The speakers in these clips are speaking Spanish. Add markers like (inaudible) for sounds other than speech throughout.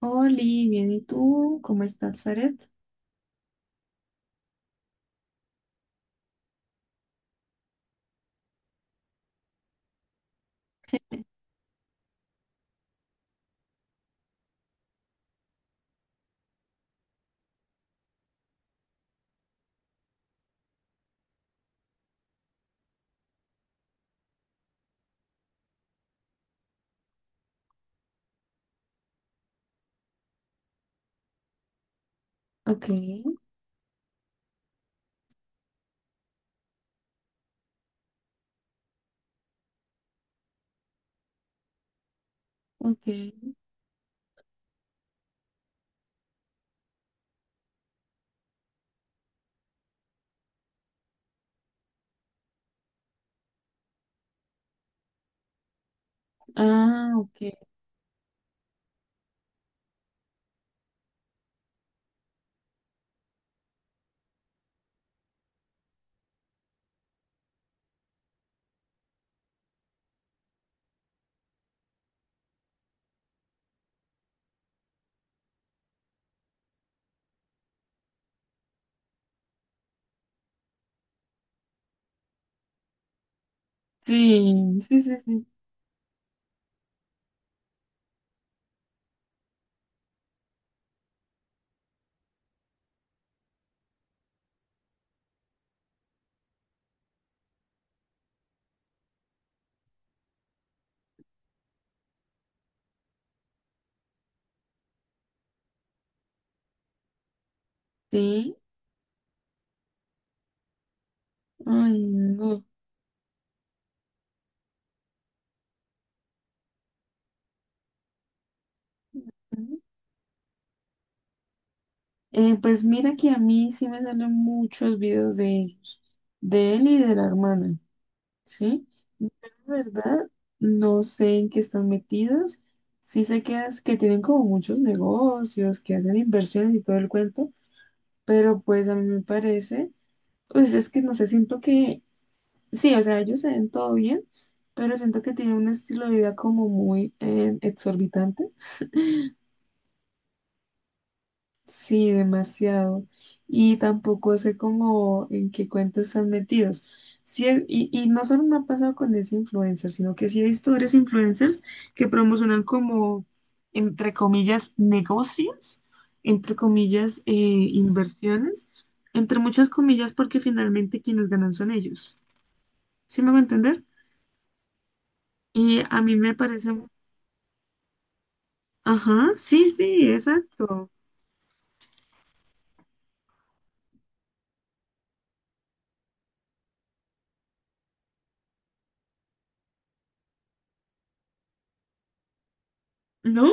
Oli, bien, ¿y tú? ¿Cómo estás, Zaret? Ok, ok. Ah, ok. Sí, sí, sí, sí. Sí, ay, no. Pues mira que a mí sí me salen muchos videos de ellos, de él y de la hermana, ¿sí? Yo, la verdad, no sé en qué están metidos. Sí sé que, que tienen como muchos negocios, que hacen inversiones y todo el cuento, pero pues a mí me parece, pues es que no sé, siento que sí, o sea, ellos se ven todo bien, pero siento que tienen un estilo de vida como muy exorbitante. Sí, demasiado. Y tampoco sé cómo en qué cuentos están metidos. Sí, y no solo me ha pasado con ese influencer, sino que sí he visto varios influencers que promocionan como, entre comillas, negocios, entre comillas, inversiones, entre muchas comillas, porque finalmente quienes ganan son ellos. ¿Sí me va a entender? Y a mí me parece ajá, sí, sí, exacto. ¿No?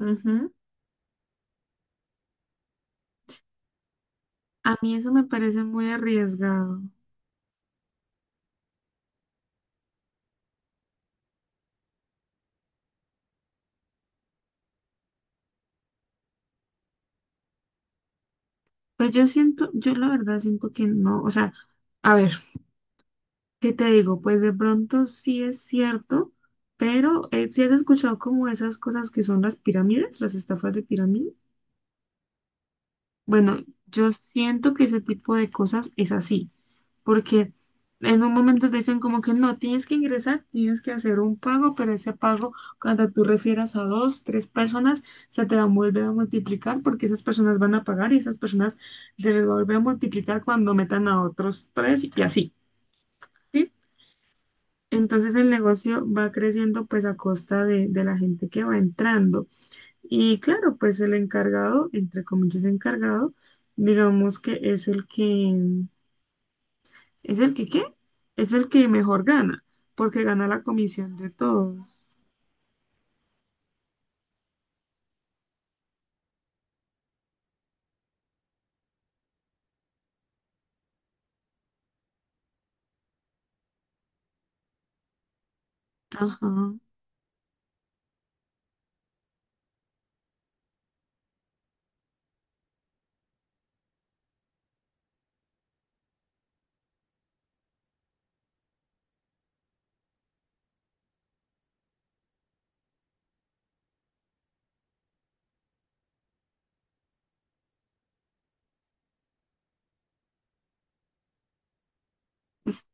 Ujú. A mí eso me parece muy arriesgado. Pues yo siento, yo la verdad siento que no, o sea, a ver, ¿qué te digo? Pues de pronto sí es cierto, pero si ¿sí has escuchado como esas cosas que son las pirámides, las estafas de pirámide, bueno, yo siento que ese tipo de cosas es así. Porque en un momento te dicen como que no, tienes que ingresar, tienes que hacer un pago, pero ese pago, cuando tú refieras a dos, tres personas, se te va a volver a multiplicar porque esas personas van a pagar y esas personas se les va a volver a multiplicar cuando metan a otros tres y así, ¿sí? Entonces el negocio va creciendo pues a costa de la gente que va entrando. Y claro, pues el encargado, entre comillas encargado, digamos que es el que es el que, ¿qué? Es el que mejor gana, porque gana la comisión de todos. Ajá.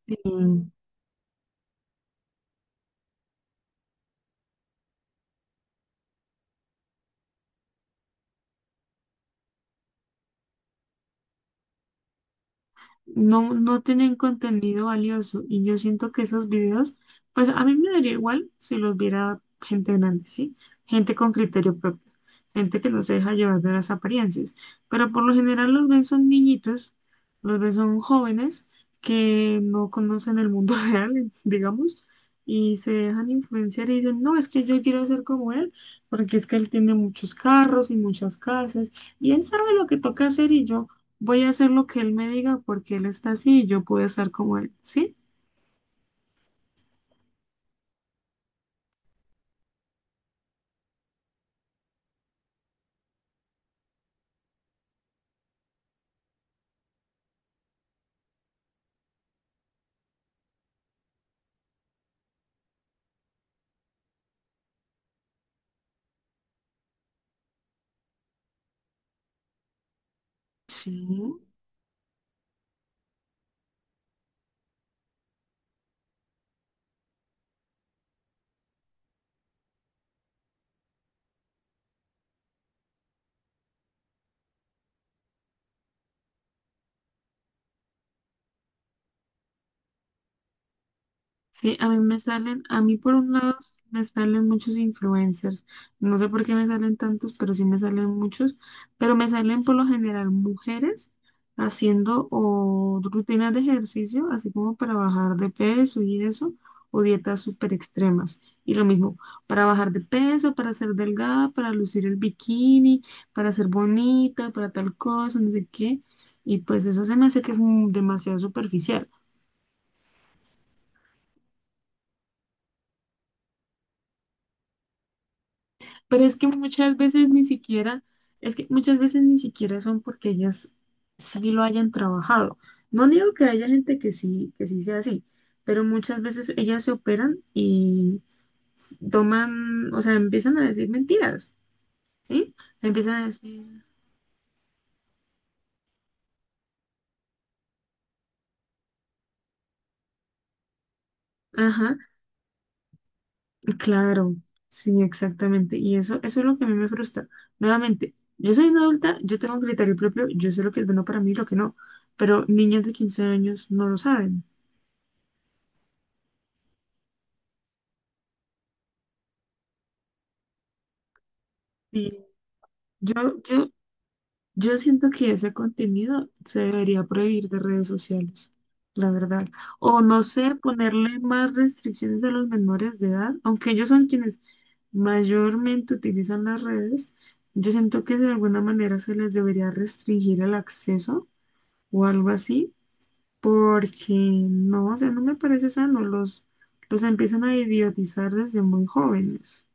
Sí. No, no tienen contenido valioso y yo siento que esos videos, pues a mí me daría igual si los viera gente grande, ¿sí? Gente con criterio propio, gente que no se deja llevar de las apariencias, pero por lo general los ven son niñitos, los ven son jóvenes que no conocen el mundo (laughs) real, digamos. Y se dejan influenciar y dicen, no, es que yo quiero ser como él, porque es que él tiene muchos carros y muchas casas, y él sabe lo que toca hacer y yo voy a hacer lo que él me diga porque él está así y yo puedo estar como él, ¿sí? Sí. Sí, a mí me salen, a mí por un lado me salen muchos influencers. No sé por qué me salen tantos, pero sí me salen muchos. Pero me salen por lo general mujeres haciendo o rutinas de ejercicio, así como para bajar de peso y eso, o dietas súper extremas. Y lo mismo, para bajar de peso, para ser delgada, para lucir el bikini, para ser bonita, para tal cosa, no sé qué. Y pues eso se me hace que es demasiado superficial. Pero es que muchas veces ni siquiera, es que muchas veces ni siquiera son porque ellas sí lo hayan trabajado. No digo que haya gente que sí sea así, pero muchas veces ellas se operan y toman, o sea, empiezan a decir mentiras, ¿sí? Empiezan a decir, ajá, claro, sí, exactamente. Y eso es lo que a mí me frustra. Nuevamente, yo soy una adulta, yo tengo un criterio propio, yo sé lo que es bueno para mí y lo que no, pero niñas de 15 años no lo saben. Yo, yo, yo siento que ese contenido se debería prohibir de redes sociales, la verdad. O no sé, ponerle más restricciones a los menores de edad, aunque ellos son quienes mayormente utilizan las redes, yo siento que de alguna manera se les debería restringir el acceso o algo así, porque no, o sea, no me parece sano, los empiezan a idiotizar desde muy jóvenes,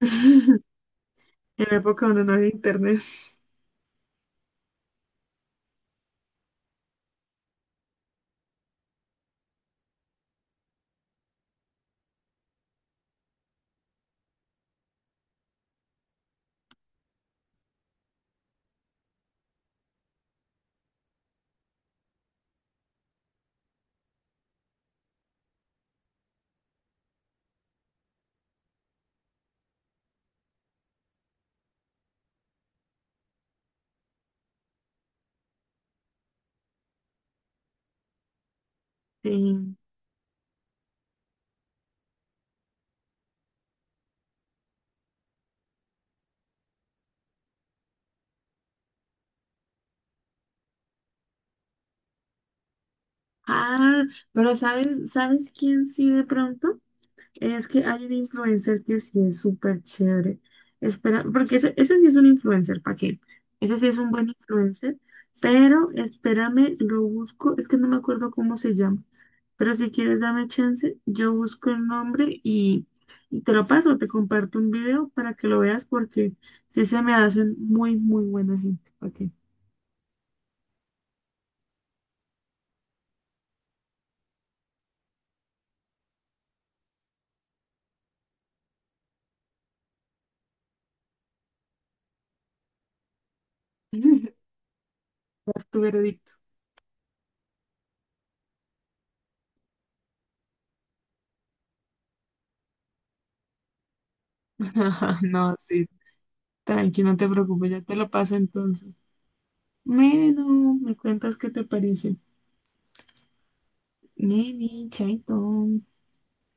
(laughs) en la época donde no había internet. Sí. Ah, pero ¿sabes, sabes quién sí de pronto? Es que hay un influencer que sí es súper chévere. Espera, porque ese sí es un influencer, ¿para qué? Ese sí es un buen influencer, pero espérame, lo busco, es que no me acuerdo cómo se llama. Pero si quieres, dame chance, yo busco el nombre y te lo paso, te comparto un video para que lo veas porque sí se me hacen muy, muy buena gente. Ok. Haz (laughs) tu veredicto. (laughs) No, sí. Tranqui, no te preocupes, ya te lo paso entonces. Bueno, me cuentas qué te parece. Neni, chaito.